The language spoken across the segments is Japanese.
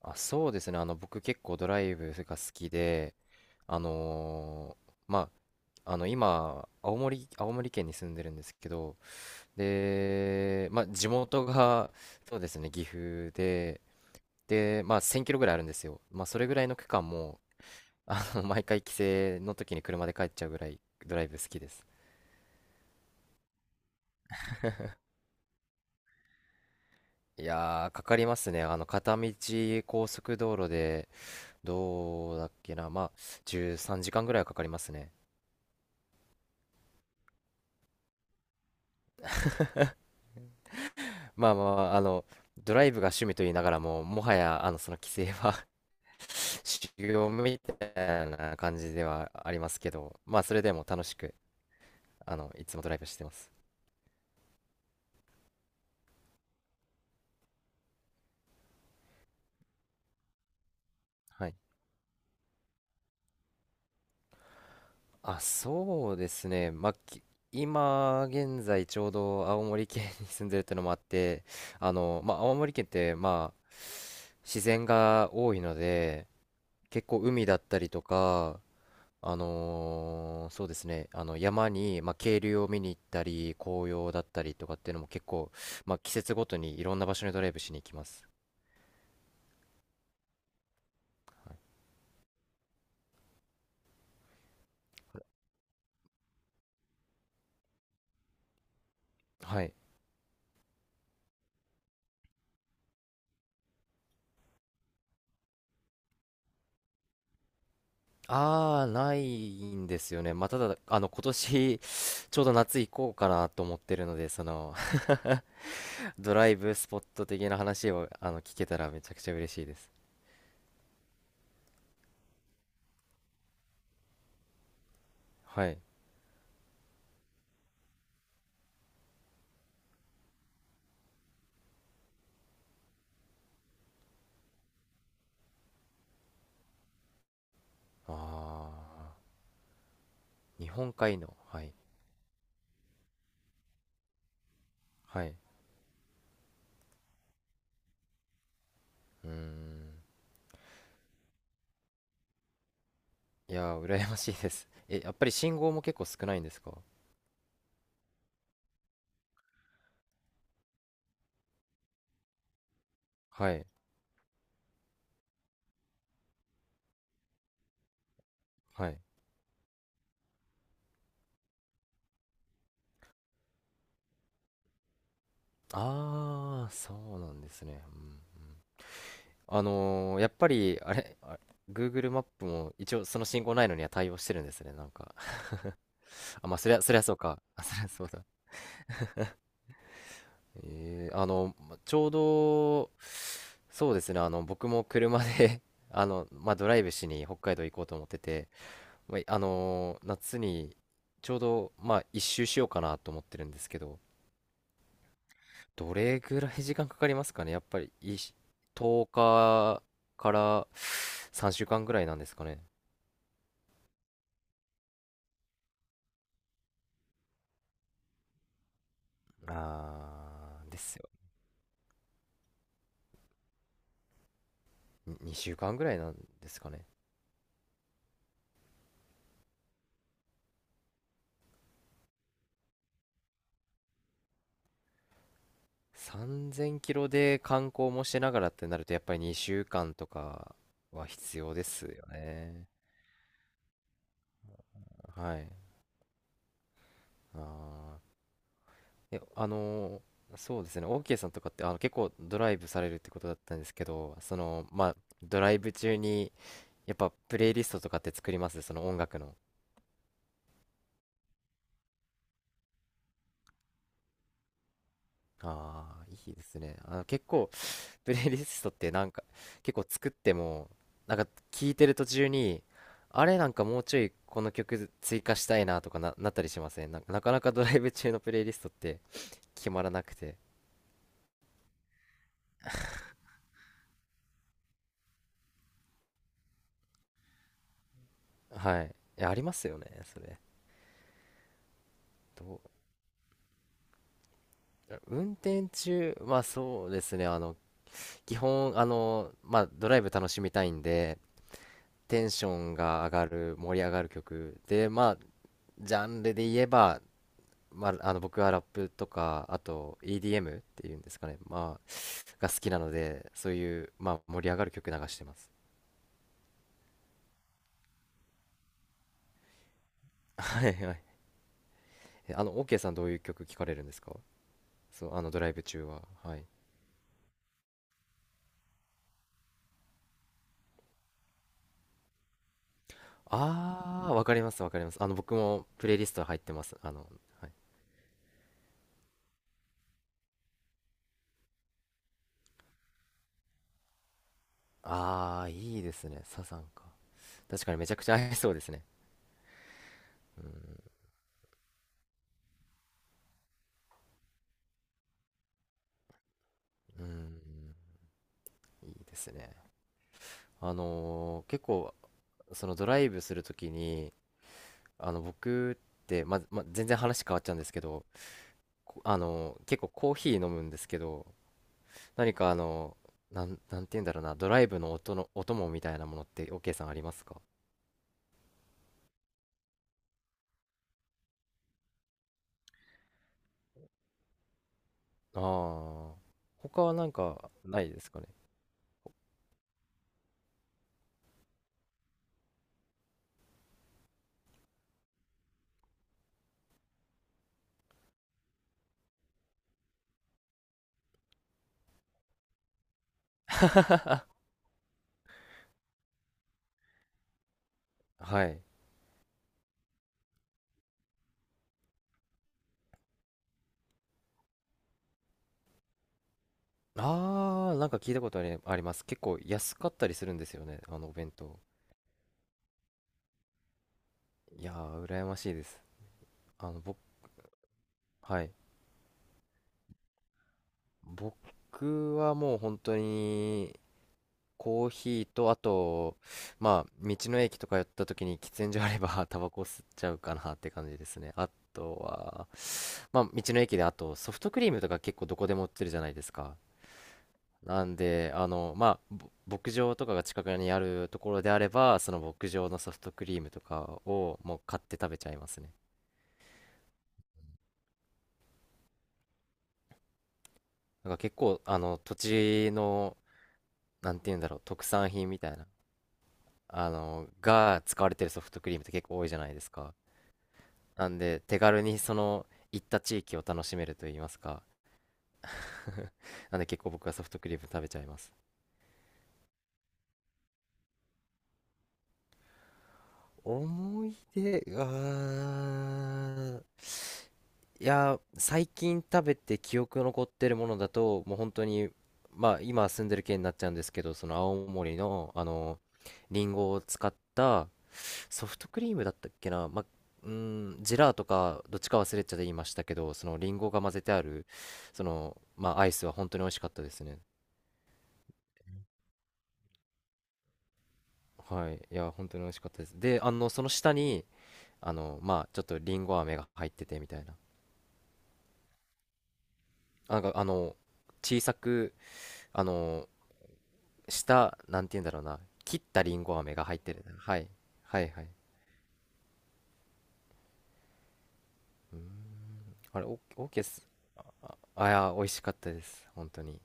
あ、そうですね。僕結構ドライブが好きで、あのまあ、今、青森県に住んでるんですけど、で、まあ、地元が、そうですね、岐阜で、で、まあ、1000キロぐらいあるんですよ。まあ、それぐらいの区間も、毎回帰省の時に車で帰っちゃうぐらいドライブ好きです。いやー、かかりますね。片道高速道路で、どうだっけな、まあ、13時間ぐらいはかかりますね。まあまあまあ、ドライブが趣味と言いながらも、もはや、その規制は 修行みたいな感じではありますけど、まあ、それでも楽しく、いつもドライブしてます。はい。あ、そうですね。今、現在、ちょうど青森県に住んでるってのもあって、まあ、青森県って、まあ、自然が多いので、結構海だったりとか、そうですね、あの山に、まあ、渓流を見に行ったり、紅葉だったりとかっていうのも結構、まあ、季節ごとにいろんな場所にドライブしに行きます。はい。ああ、ないんですよね。まあ、ただ、今年、ちょうど夏行こうかなと思ってるので、その、ドライブスポット的な話を、聞けたらめちゃくちゃ嬉しいです。はい。ああ、日本海の、はい。はい。うーん。いやー、羨ましいです。え、やっぱり信号も結構少ないんですか？はい。はい。ああ、そうなんですね。うん、やっぱり、あれ、あ Google マップも一応その信号ないのには対応してるんですね、なんか。あ、まあ、そりゃそうか。あ、そりゃそうだ。ちょうど、そうですね、僕も車で まあ、ドライブしに北海道行こうと思ってて、まあ、夏にちょうど、まあ、一周しようかなと思ってるんですけど、どれぐらい時間かかりますかね？やっぱり10日かから3週間ぐらいなんですかね？あーですよに2週間ぐらいなんですかね？3000キロで観光もしながらってなるとやっぱり2週間とかは必要ですよね？はい。あーえあのーそうですね、オーケーさんとかって結構ドライブされるってことだったんですけど、そのまあドライブ中にやっぱプレイリストとかって作ります？その音楽の。ああ、いいですね。結構、プレイリストってなんか、結構作っても、なんか聞いてる途中に、あれなんかもうちょいこの曲追加したいなとかな、なったりしません？なんかなかなかドライブ中のプレイリストって決まらなくて。はい。いや、ありますよね、それ。ど運転中、まあそうですね、基本、まあドライブ楽しみたいんで、テンションが上がる、盛り上がる曲で、まあ、ジャンルで言えば、まあ、あの僕はラップとかあと EDM っていうんですかね、まあ、が好きなのでそういう、まあ、盛り上がる曲流してます。はいはい。えあの OK さんどういう曲聴かれるんですか？そう、あのドライブ中は、はい。ああー、わかります、わかります。あの僕もプレイリスト入ってます。はい、ああいいですね。サザンか、確かにめちゃくちゃ合いそうですね。うん、うん、いいですね。結構そのドライブするときに僕ってまあまあ、全然話変わっちゃうんですけど、こあの結構コーヒー飲むんですけど、何かなんて言うんだろうな、ドライブの音のお供みたいなものって OK さんありますか？ああー、他はなんかないですかね？ はい。ああー、なんか聞いたことあり、あります。結構安かったりするんですよね、あのお弁当。いやー羨ましいです。あの僕はい。僕はもう本当にコーヒーと、あと、まあ、道の駅とか寄った時に喫煙所あれば、タバコ吸っちゃうかなって感じですね。あとは、まあ、道の駅で、あと、ソフトクリームとか結構どこでも売ってるじゃないですか。なんで、まあ、牧場とかが近くにあるところであれば、その牧場のソフトクリームとかをもう買って食べちゃいますね。なんか結構、土地の、なんて言うんだろう、特産品みたいな、が使われてるソフトクリームって結構多いじゃないですか。なんで、手軽にその行った地域を楽しめると言いますか。なんで結構僕はソフトクリーム食べちゃいます。思い出が、いや、最近食べて記憶残ってるものだと、もう本当に、まあ今住んでる県になっちゃうんですけど、その青森の、リンゴを使ったソフトクリームだったっけな、まあ、うん、ジェラーとかどっちか忘れちゃって言いましたけど、そのリンゴが混ぜてある、その、まあアイスは本当に美味しかったですね。はい、いや、本当に美味しかったです。で、その下に、まあ、ちょっとリンゴ飴が入っててみたいな。なんか、小さく、あの、下、なんて言うんだろうな、切ったリンゴ飴が入ってる。はい、はい、はい。うん、あれ、お、オーケーっす。あ、いや、美味しかったです。本当に。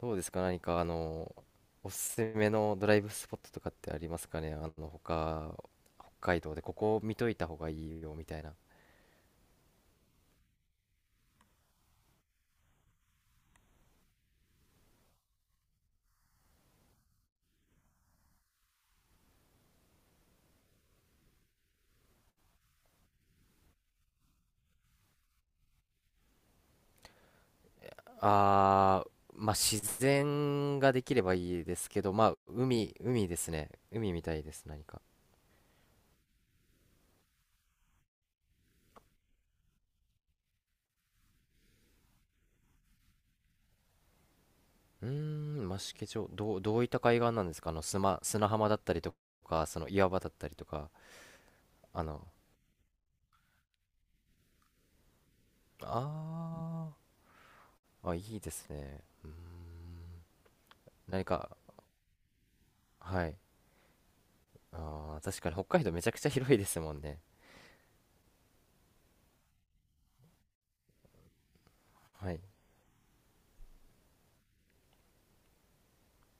どうですか、何か、おすすめのドライブスポットとかってありますかね。他、北海道でここ見といた方がいいよみたいな。あー、まあ、自然ができればいいですけど、まあ、海ですね。海みたいです、何か。うーん、増毛町、どういった海岸なんですか？あの、砂浜だったりとか、その岩場だったりとか、あの、あー、あ、いいですね。うーん、何か、はい。あー、確かに北海道めちゃくちゃ広いですもんね。はい。